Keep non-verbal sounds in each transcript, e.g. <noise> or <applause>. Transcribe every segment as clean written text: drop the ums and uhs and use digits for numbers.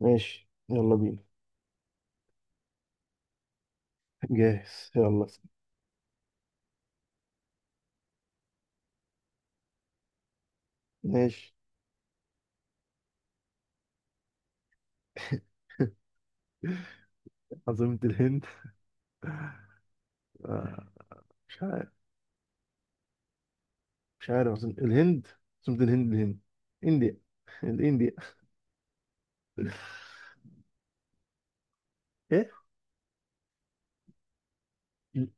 ماشي، يلا بينا. جاهز يلا. ماشي. عاصمة الهند آه، مش عارف. مش عارف عاصمة الهند. عاصمة الهند الهند. انديا. <laughs> الانديا. ايه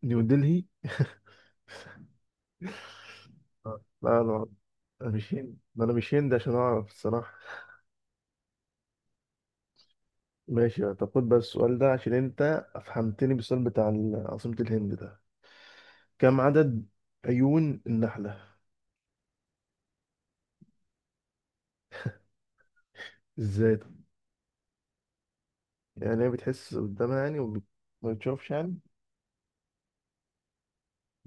نيو دلهي. آه، لا لا. أنا مش هند، ما انا مش هند عشان اعرف الصراحة. ماشي، طب خد بقى السؤال ده عشان انت افهمتني بالسؤال بتاع عاصمة الهند ده. كم عدد عيون النحلة؟ ازاي ده؟ يعني هي بتحس قدامها يعني وما بتشوفش يعني.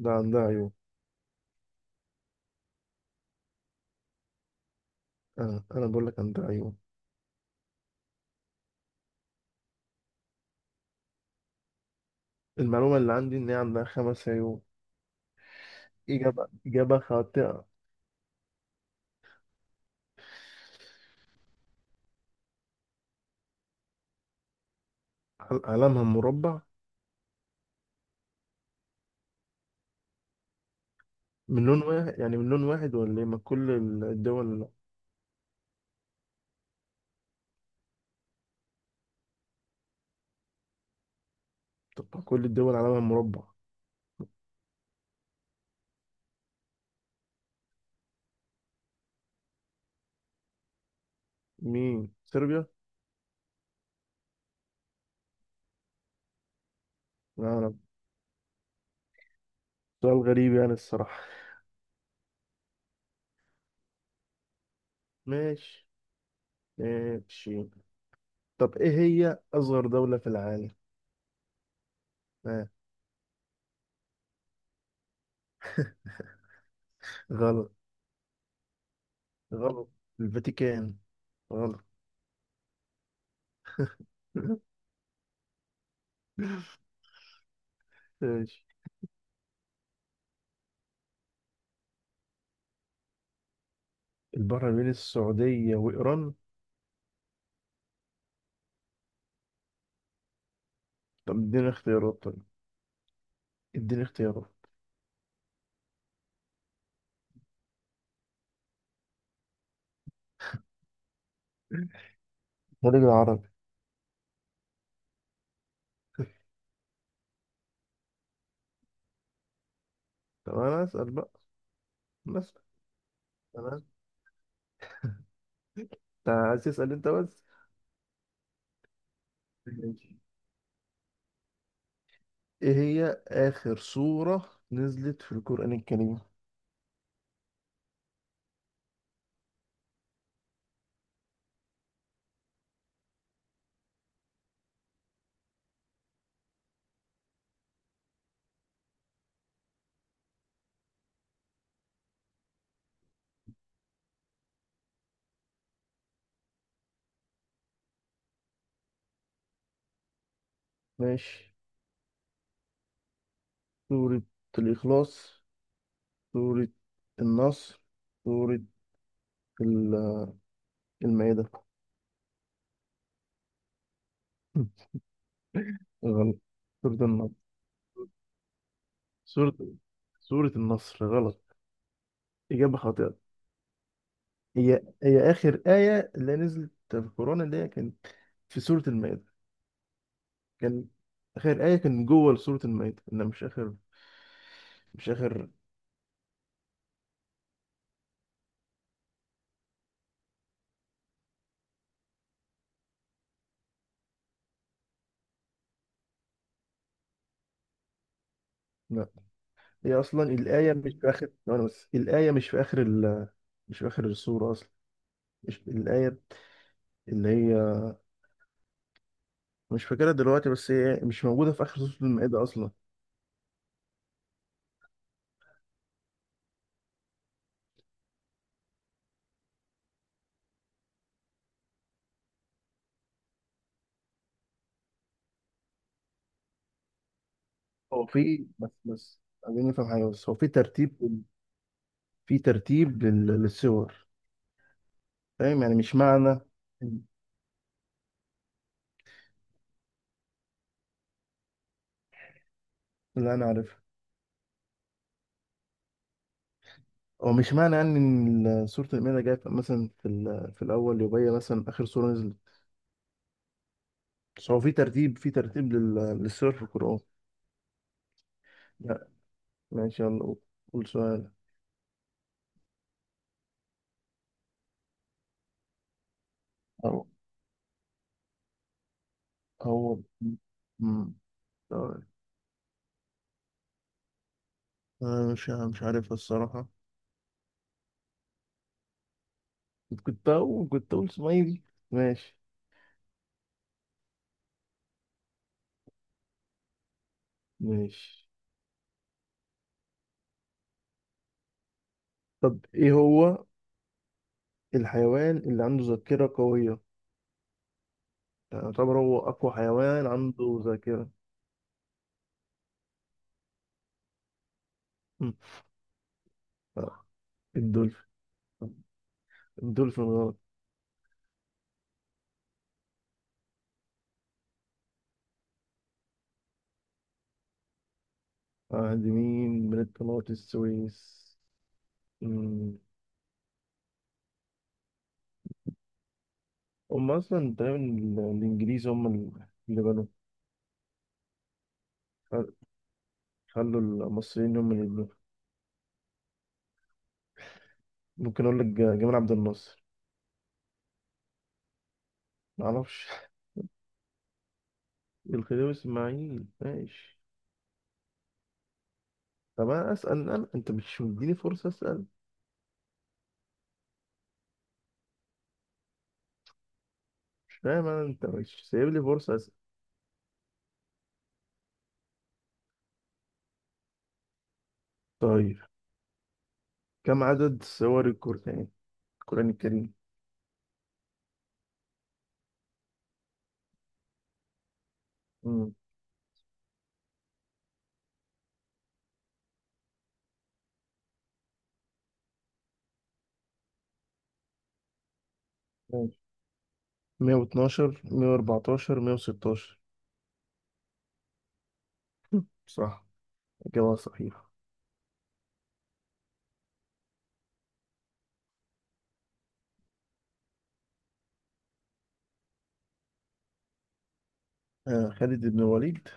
ده عندها عيون. انا بقول لك عندها عيون. المعلومه اللي عندي ان هي عندها خمس عيون. اجابه خاطئه. علمها مربع من لون واحد يعني؟ من لون واحد ولا ايه؟ ما كل الدول تبقى كل الدول علمها مربع. مين؟ صربيا؟ لا لا. سؤال غريب يعني الصراحه. ماشي ماشي. طب ايه هي اصغر دوله في العالم؟ آه. غلط. غلط. الفاتيكان. غلط. <laughs> ماشي. البحر بين السعوديه وايران؟ طب اديني اختيارات طيب، اديني اختيارات. الخليج العربي. طب انا اسال بقى. أنا اسال انا. انت عايز تسال انت بس. ماشي. ايه هي اخر سوره نزلت في القران الكريم؟ ماشي. سوره الاخلاص، سوره النصر، سوره ال- المائده. <laughs> غلط. سوره النصر. سوره سوره النصر. غلط. اجابه خاطئه. هي اخر ايه اللي نزلت في القران اللي هي كانت في سوره المائده. كان اخر ايه كان جوه سوره المائده، انها مش اخر، مش اخر. لا، هي اصلا الآية مش في آخر ثواني، بس الآية مش في آخر ال... مش في آخر السورة اصلا. مش الآية اللي هي مش فاكرها دلوقتي، بس هي مش موجودة في آخر سورة المائدة اصلا. هو في بس عايزين نفهم حاجة. بس هو في ترتيب، للسور. فاهم يعني، مش معنى. اللي انا عارفها. هو مش معنى يعني ان سورة المائدة جاية مثلا في ال... في الأول يبقى هي مثلا آخر سورة نزلت. بس هو في ترتيب، للسور في القرآن. لا ماشي. يلا قول، قول سؤال. هو مم. طيب. أنا مش عارفها الصراحة. كنت أقول اسماعيلي. ماشي ماشي. طب إيه هو الحيوان اللي عنده ذاكرة قوية؟ يعني يعتبر هو أقوى حيوان عنده ذاكرة. مم. آه، الدولفين. الدولفين غلط. عند مين من قناة السويس؟ مم. هم أصلا تقريبا الإنجليز هم اللي بنوا. خل- خلوا المصريين هم اللي يبنوا. ممكن أقول لك جمال عبد الناصر؟ معرفش. الخديوي اسماعيل. ماشي. طب انا اسال انا، انت مش مديني فرصه اسال. مش فاهم انا، انت مش سايب لي فرصه اسال. طيب. كم عدد سور القران، القران الكريم؟ امم ماشي. 112، 114، 116. صح. اجابه صحيحه. آه خالد بن الوليد.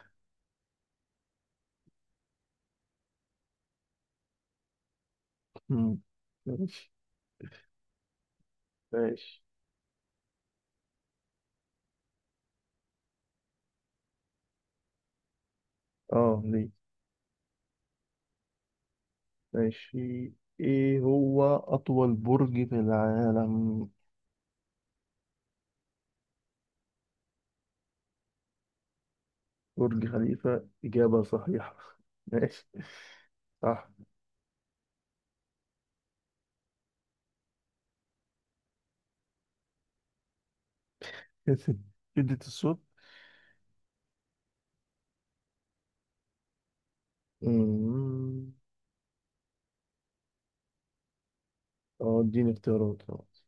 امم ماشي ماشي. اه ليه. ماشي. ايه هو اطول برج في العالم؟ برج خليفه. اجابه صحيحه. <laughs> ماشي. صح. <laughs> شدة الصوت. مم. اه اديني اختيارات خلاص.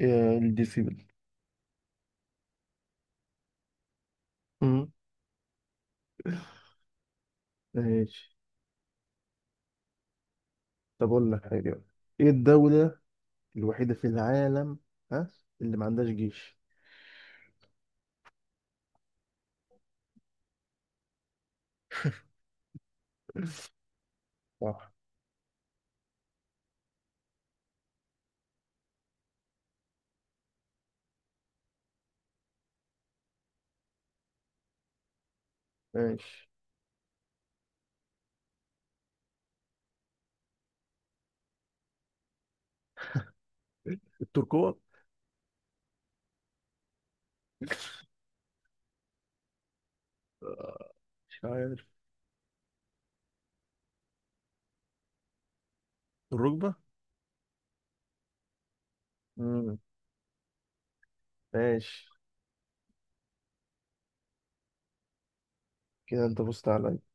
آه، إيه؟ الديسيبل. مم. ماشي. طب أقول لك حاجة بقى. إيه الدولة الوحيدة في العالم، ها، اللي ما عندهاش جيش؟ صح. ماشي. التركوة. مش عارف. الركبة. مم. ماشي. كده أنت فزت عليا.